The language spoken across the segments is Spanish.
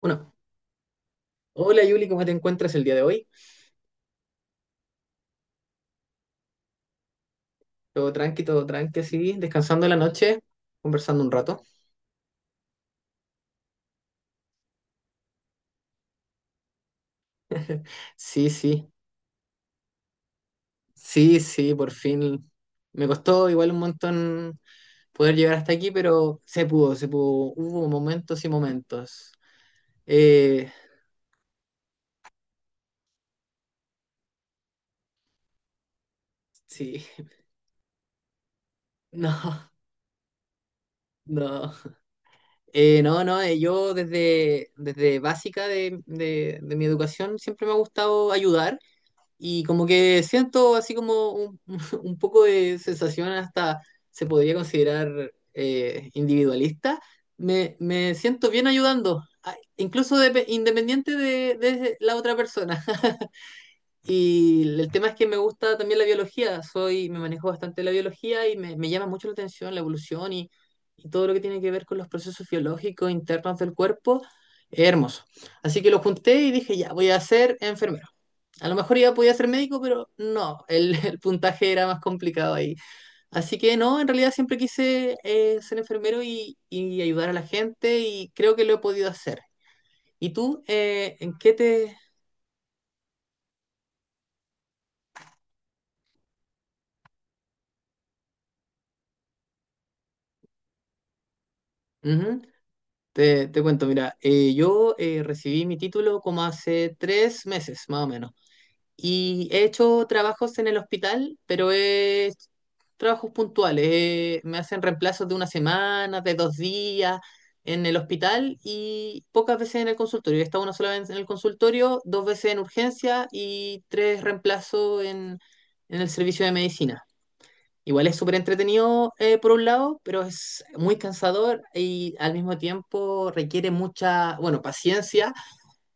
Bueno, hola Yuli, ¿cómo te encuentras el día de hoy? Todo tranqui, así, descansando la noche, conversando un rato. Sí, sí, sí, sí, por fin. Me costó igual un montón poder llegar hasta aquí, pero se pudo, se pudo. Hubo momentos y momentos. Eh, sí. No, no. No, no. Yo desde básica de mi educación siempre me ha gustado ayudar. Y como que siento así como un, un poco de sensación, hasta se podría considerar individualista. Me siento bien ayudando, a- incluso depe- independiente de la otra persona. Y el tema es que me gusta también la biología, soy, me manejo bastante la biología y me llama mucho la atención la evolución y todo lo que tiene que ver con los procesos biológicos internos del cuerpo. Es hermoso. Así que lo junté y dije, ya, voy a ser enfermero. A lo mejor iba podía ser médico, pero no, el, el puntaje era más complicado ahí. Así que no, en realidad siempre quise ser enfermero y ayudar a la gente y creo que lo he podido hacer. ¿Y tú, en qué te... Ujú. Te cuento, mira, yo recibí mi título como hace tres meses, más o menos. Y he hecho trabajos en el hospital, pero es trabajos puntuales. Me hacen reemplazos de una semana, de dos días en el hospital y pocas veces en el consultorio. He estado una sola vez en el consultorio, dos veces en urgencia y tres reemplazos en el servicio de medicina. Igual es súper entretenido por un lado, pero es muy cansador y al mismo tiempo requiere mucha, bueno, paciencia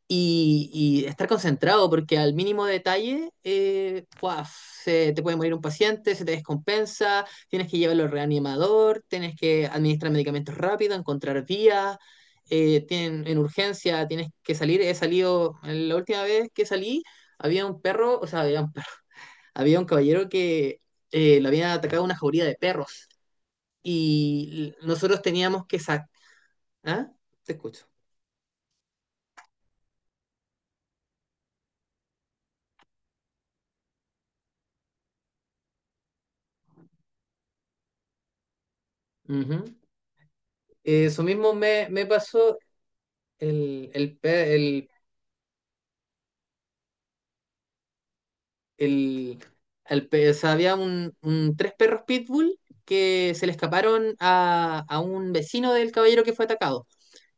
y estar concentrado, porque al mínimo detalle, ¡guau! Se te puede morir un paciente, se te descompensa, tienes que llevarlo al reanimador, tienes que administrar medicamentos rápido, encontrar vías, en urgencia tienes que salir. He salido, la última vez que salí, había un perro, o sea, había un perro, había un caballero que lo había atacado una jauría de perros y l- nosotros teníamos que sacar. ¿Ah? Te escucho. Ujú. Eso mismo me pasó. El, pe- el, al pe- O sea, había tres perros pitbull que se le escaparon a un vecino del caballero que fue atacado.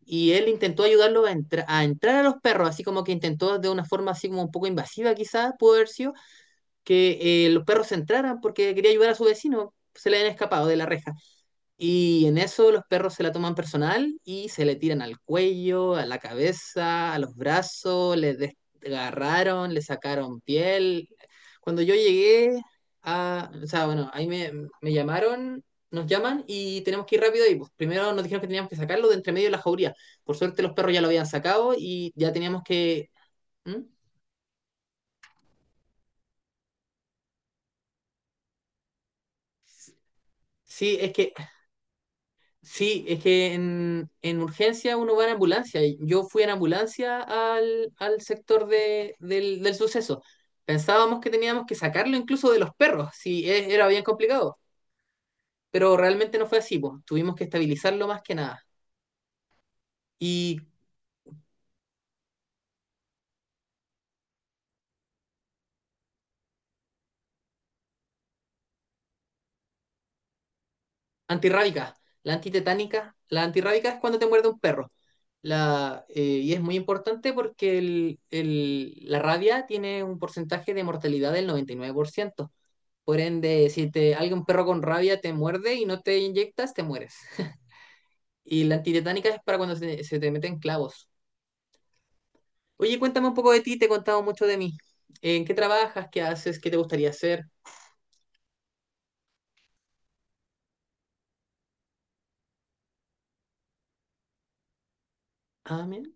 Y él intentó ayudarlo a, entra- a entrar a los perros, así como que intentó de una forma así como un poco invasiva quizás, pudo haber sido, que los perros entraran porque quería ayudar a su vecino, se le habían escapado de la reja. Y en eso los perros se la toman personal y se le tiran al cuello, a la cabeza, a los brazos, le desgarraron, le sacaron piel. Cuando yo llegué a, o sea, bueno, ahí me llamaron, nos llaman y tenemos que ir rápido y pues, primero nos dijeron que teníamos que sacarlo de entre medio de la jauría. Por suerte los perros ya lo habían sacado y ya teníamos que... ¿Mm? Sí, es que sí, es que en urgencia uno va en ambulancia. Y yo fui en ambulancia al sector del suceso. Pensábamos que teníamos que sacarlo incluso de los perros, si era bien complicado. Pero realmente no fue así, pues. Tuvimos que estabilizarlo más que nada. Y antirrábica, la antitetánica, la antirrábica es cuando te muerde un perro. Y es muy importante porque el- la rabia tiene un porcentaje de mortalidad del 99%. Por ende, si te, alguien, un perro con rabia te muerde y no te inyectas, te mueres. Y la antitetánica es para cuando se te meten clavos. Oye, cuéntame un poco de ti, te he contado mucho de mí. ¿En qué trabajas? ¿Qué haces? ¿Qué te gustaría hacer? Ah, mira.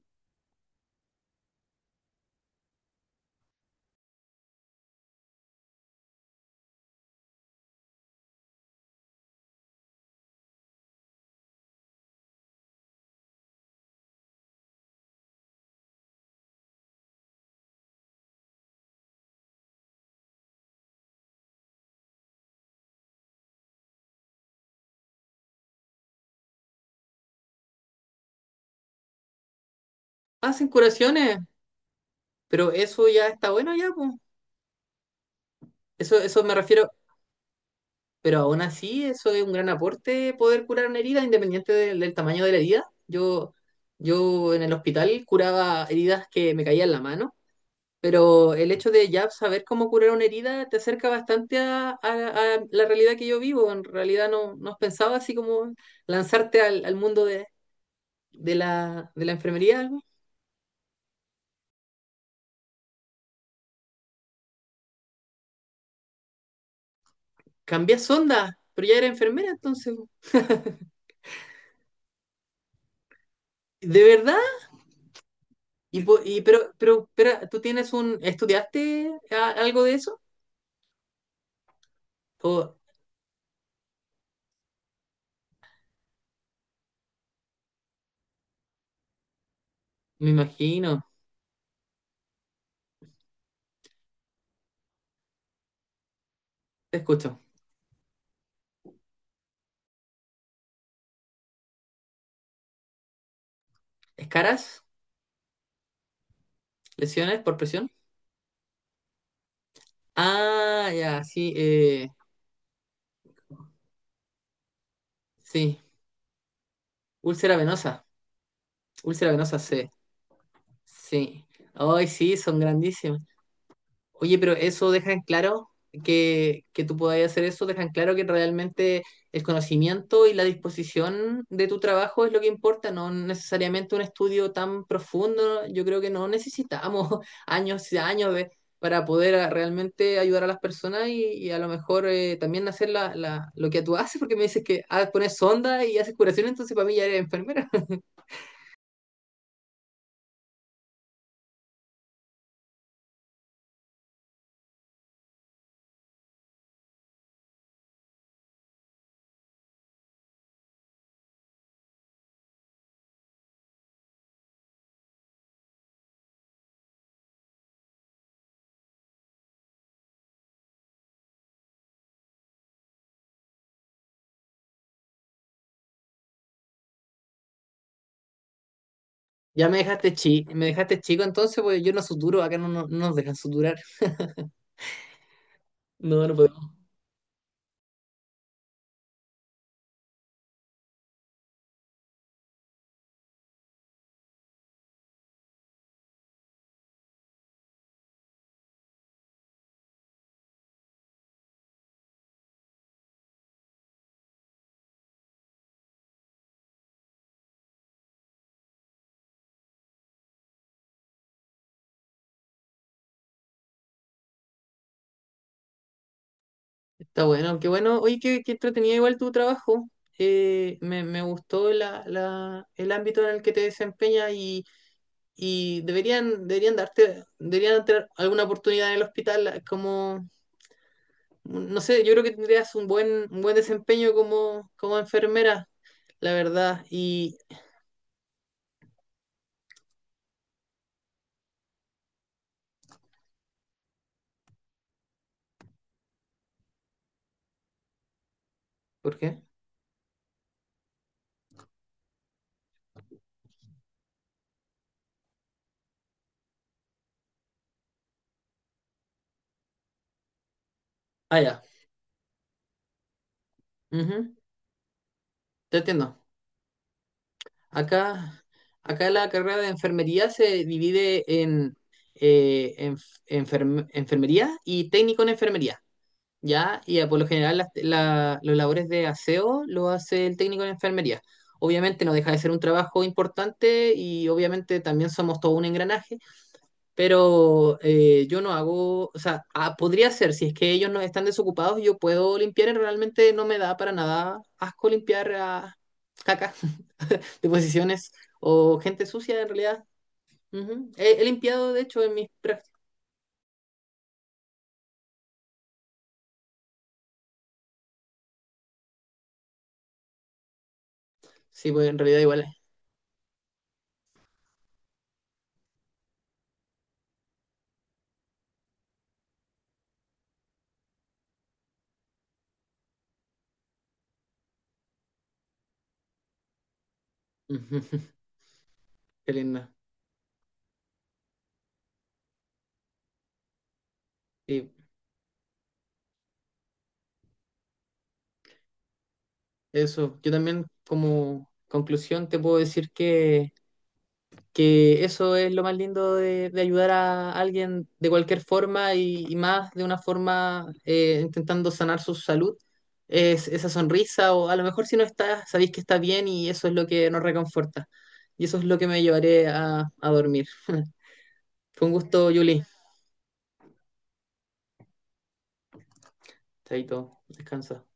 Hacen curaciones, pero eso ya está bueno ya, pues. Eso me refiero, pero aún así, eso es un gran aporte poder curar una herida, independiente del tamaño de la herida. Yo en el hospital curaba heridas que me caían en la mano. Pero el hecho de ya saber cómo curar una herida te acerca bastante a la realidad que yo vivo. En realidad no, no pensaba así como lanzarte al mundo de la enfermería. Algo. Cambias onda, pero ya eres enfermera entonces. ¿De verdad? Y pero, espera, ¿tú tienes un, estudiaste a- algo de eso? O me imagino, te escucho. ¿Escaras? ¿Lesiones por presión? Ah, ya, sí, sí. Úlcera venosa. Úlcera venosa, sí. Sí, hoy sí, son grandísimas. Oye, pero eso deja en claro que tú podáis hacer eso, deja en claro que realmente el conocimiento y la disposición de tu trabajo es lo que importa, no necesariamente un estudio tan profundo. Yo creo que no necesitamos años y años de- para poder realmente ayudar a las personas y a lo mejor también hacer lo que tú haces, porque me dices que pones sonda y haces curación, entonces para mí ya eres enfermera. Ya me dejaste chi, me dejaste chico entonces, pues yo no suturo, acá no, no, no nos dejan suturar. No, no podemos. Está bueno, qué bueno. Oye, qué, qué entretenido igual tu trabajo. Me me gustó el ámbito en el que te desempeñas y deberían, deberían darte, deberían tener alguna oportunidad en el hospital como, no sé, yo creo que tendrías un buen desempeño como, como enfermera, la verdad. Y, ¿por qué? Ah, ya. Ujú, te entiendo. Acá, acá la carrera de enfermería se divide en enfermería y técnico en enfermería, ¿ya? Y por lo general las- la- los labores de aseo lo hace el técnico en enfermería. Obviamente no deja de ser un trabajo importante y obviamente también somos todo un engranaje, pero yo no hago, o sea, ah, podría ser, si es que ellos no están desocupados, yo puedo limpiar y realmente no me da para nada asco limpiar a caca de posiciones o gente sucia en realidad. Ujú. He limpiado, de hecho, en mis prácticas. Sí, pues en realidad igual es. Ujú. Qué lindo. Y eso. Yo también, como conclusión, te puedo decir que eso es lo más lindo de ayudar a alguien de cualquier forma y más de una forma intentando sanar su salud. Es esa sonrisa, o a lo mejor si no está, sabéis que está bien y eso es lo que nos reconforta. Y eso es lo que me llevaré a dormir. Fue un gusto, Julie. Chaito, descansa.